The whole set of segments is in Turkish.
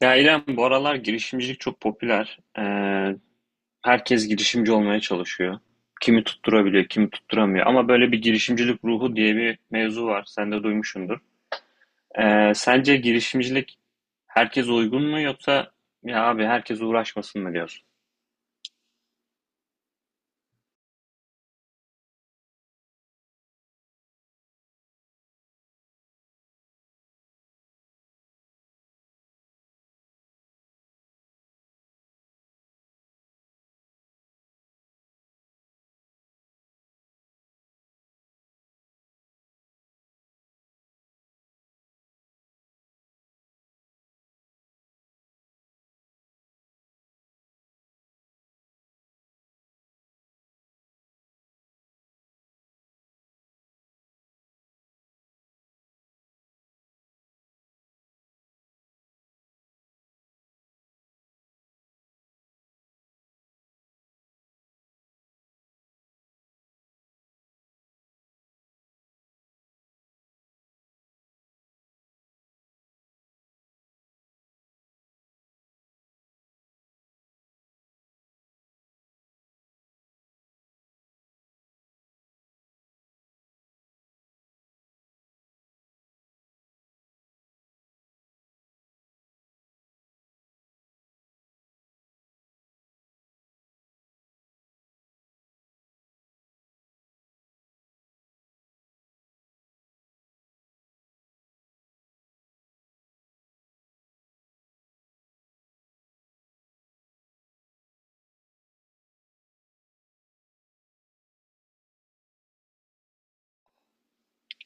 Ya İrem, bu aralar girişimcilik çok popüler. Herkes girişimci olmaya çalışıyor. Kimi tutturabiliyor, kimi tutturamıyor. Ama böyle bir girişimcilik ruhu diye bir mevzu var. Sen de duymuşsundur. Sence girişimcilik herkes uygun mu, yoksa ya abi herkes uğraşmasın mı diyorsun?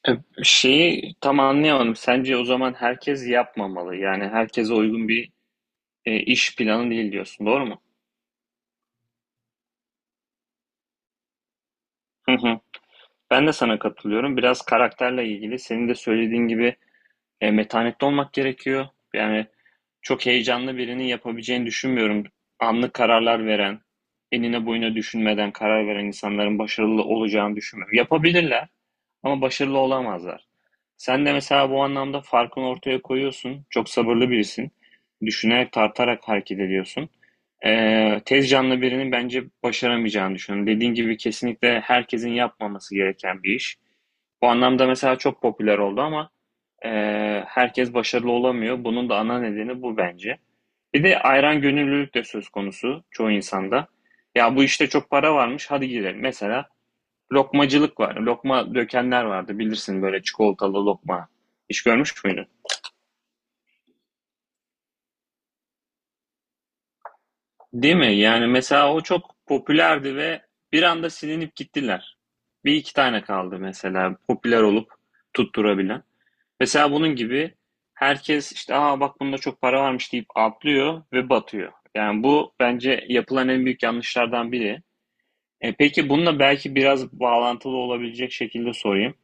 Ee, Şeyi tam anlayamadım. Sence o zaman herkes yapmamalı. Yani herkese uygun bir iş planı değil diyorsun. Doğru mu? Hı hı. Ben de sana katılıyorum. Biraz karakterle ilgili. Senin de söylediğin gibi metanetli olmak gerekiyor. Yani çok heyecanlı birinin yapabileceğini düşünmüyorum. Anlık kararlar veren, enine boyuna düşünmeden karar veren insanların başarılı olacağını düşünmüyorum. Yapabilirler ama başarılı olamazlar. Sen de mesela bu anlamda farkını ortaya koyuyorsun. Çok sabırlı birisin. Düşünerek, tartarak hareket ediyorsun. Tez canlı birinin bence başaramayacağını düşünüyorum. Dediğin gibi kesinlikle herkesin yapmaması gereken bir iş. Bu anlamda mesela çok popüler oldu ama herkes başarılı olamıyor. Bunun da ana nedeni bu bence. Bir de ayran gönüllülük de söz konusu çoğu insanda. Ya bu işte çok para varmış, hadi girelim. Mesela lokmacılık var. Lokma dökenler vardı, bilirsin, böyle çikolatalı lokma. Hiç görmüş müydün? Değil mi? Yani mesela o çok popülerdi ve bir anda silinip gittiler. Bir iki tane kaldı mesela popüler olup tutturabilen. Mesela bunun gibi herkes işte, aa bak bunda çok para varmış deyip atlıyor ve batıyor. Yani bu bence yapılan en büyük yanlışlardan biri. Peki bununla belki biraz bağlantılı olabilecek şekilde sorayım.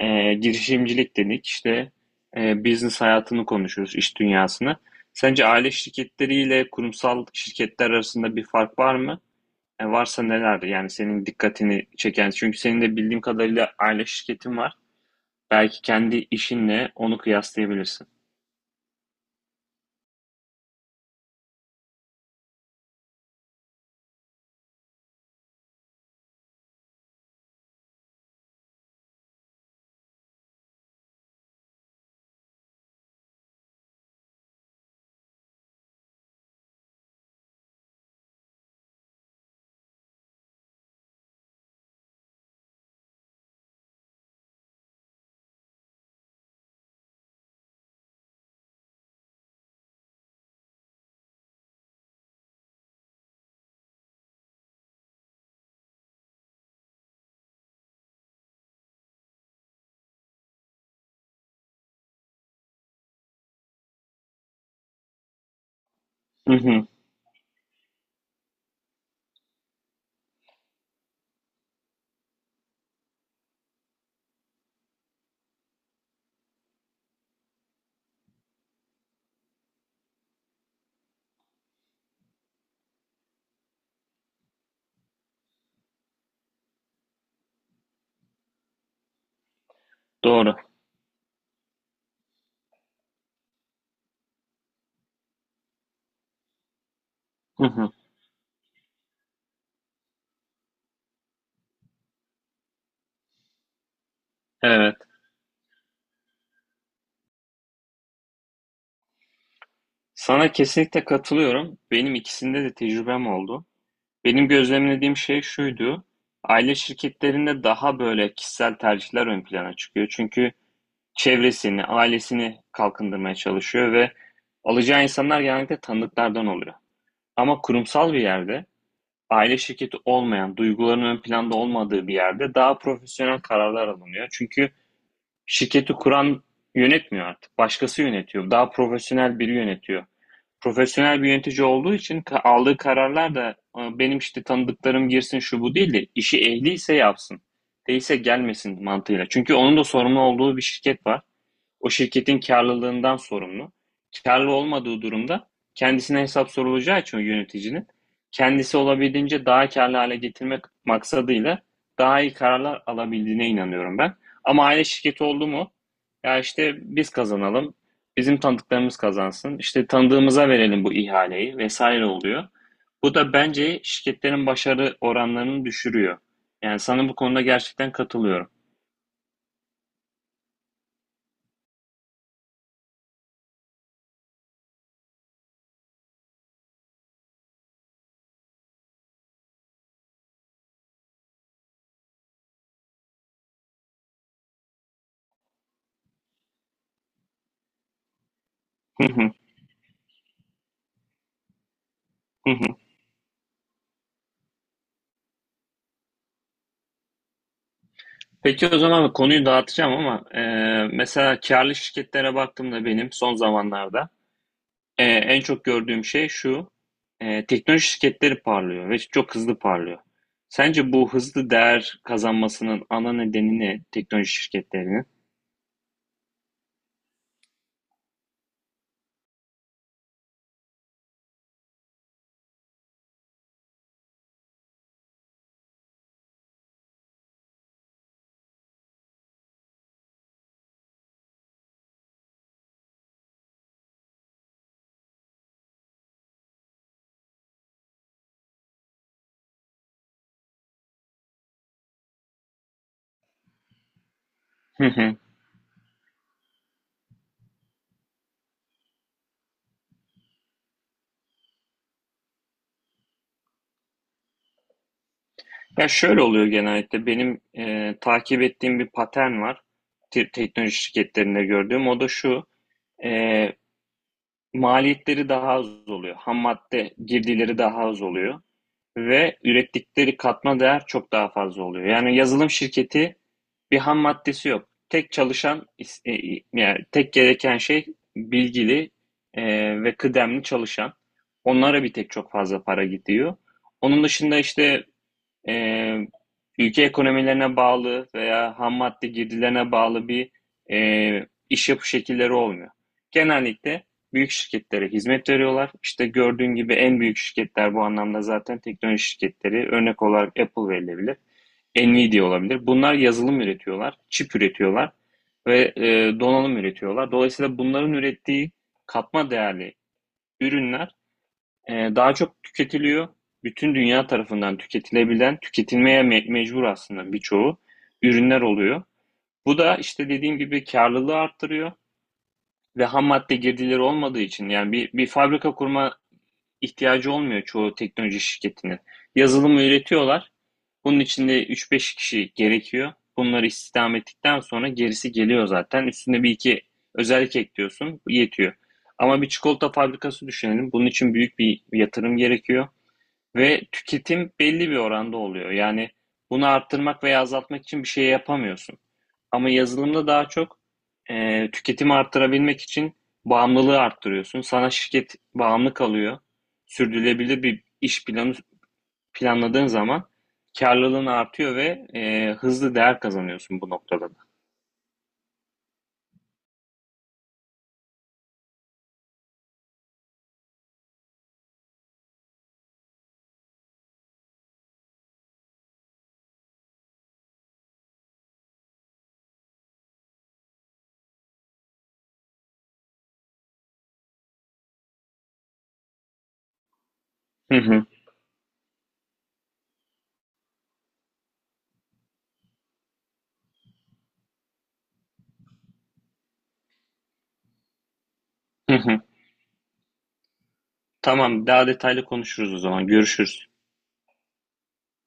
Girişimcilik dedik işte, business hayatını konuşuyoruz, iş dünyasını. Sence aile şirketleriyle kurumsal şirketler arasında bir fark var mı? Varsa nelerdir? Yani senin dikkatini çeken, çünkü senin de bildiğim kadarıyla aile şirketin var. Belki kendi işinle onu kıyaslayabilirsin. Hı hı, doğru. Hı hı, evet. Sana kesinlikle katılıyorum. Benim ikisinde de tecrübem oldu. Benim gözlemlediğim şey şuydu. Aile şirketlerinde daha böyle kişisel tercihler ön plana çıkıyor. Çünkü çevresini, ailesini kalkındırmaya çalışıyor ve alacağı insanlar genellikle tanıdıklardan oluyor. Ama kurumsal bir yerde, aile şirketi olmayan, duyguların ön planda olmadığı bir yerde daha profesyonel kararlar alınıyor. Çünkü şirketi kuran yönetmiyor artık. Başkası yönetiyor. Daha profesyonel biri yönetiyor. Profesyonel bir yönetici olduğu için aldığı kararlar da benim işte tanıdıklarım girsin şu bu değil de, işi ehliyse yapsın. Değilse gelmesin mantığıyla. Çünkü onun da sorumlu olduğu bir şirket var. O şirketin karlılığından sorumlu. Kârlı olmadığı durumda kendisine hesap sorulacağı için o yöneticinin kendisi, olabildiğince daha karlı hale getirmek maksadıyla daha iyi kararlar alabildiğine inanıyorum ben. Ama aile şirketi oldu mu? Ya işte biz kazanalım, bizim tanıdıklarımız kazansın, işte tanıdığımıza verelim bu ihaleyi vesaire oluyor. Bu da bence şirketlerin başarı oranlarını düşürüyor. Yani sana bu konuda gerçekten katılıyorum. Peki o zaman konuyu dağıtacağım, ama mesela karlı şirketlere baktığımda benim son zamanlarda en çok gördüğüm şey şu. Teknoloji şirketleri parlıyor ve çok hızlı parlıyor. Sence bu hızlı değer kazanmasının ana nedeni ne teknoloji şirketlerinin? Hı hı. Ya şöyle oluyor, genellikle benim takip ettiğim bir patern var teknoloji şirketlerinde gördüğüm. O da şu. e, Maliyetleri daha az oluyor. Ham madde girdileri daha az oluyor ve ürettikleri katma değer çok daha fazla oluyor. Yani yazılım şirketi bir ham maddesi yok. Tek çalışan yani tek gereken şey bilgili e, ve kıdemli çalışan. Onlara bir tek çok fazla para gidiyor. Onun dışında işte e, ülke ekonomilerine bağlı veya ham madde girdilerine bağlı bir iş yapı şekilleri olmuyor. Genellikle büyük şirketlere hizmet veriyorlar. İşte gördüğün gibi en büyük şirketler bu anlamda zaten teknoloji şirketleri. Örnek olarak Apple verilebilir, Nvidia olabilir. Bunlar yazılım üretiyorlar, çip üretiyorlar ve donanım üretiyorlar. Dolayısıyla bunların ürettiği katma değerli ürünler daha çok tüketiliyor. Bütün dünya tarafından tüketilebilen, tüketilmeye mecbur aslında birçoğu ürünler oluyor. Bu da işte dediğim gibi karlılığı arttırıyor ve ham madde girdileri olmadığı için, yani bir fabrika kurma ihtiyacı olmuyor çoğu teknoloji şirketinin. Yazılımı üretiyorlar. Bunun içinde üç beş kişi gerekiyor. Bunları istihdam ettikten sonra gerisi geliyor zaten. Üstüne bir iki özellik ekliyorsun, yetiyor. Ama bir çikolata fabrikası düşünelim. Bunun için büyük bir yatırım gerekiyor. Ve tüketim belli bir oranda oluyor. Yani bunu arttırmak veya azaltmak için bir şey yapamıyorsun. Ama yazılımda daha çok tüketimi arttırabilmek için bağımlılığı arttırıyorsun. Sana şirket bağımlı kalıyor. Sürdürülebilir bir iş planı planladığın zaman karlılığın artıyor ve hızlı değer kazanıyorsun bu noktada. Hı hı, hı hı. Tamam, daha detaylı konuşuruz o zaman. Görüşürüz.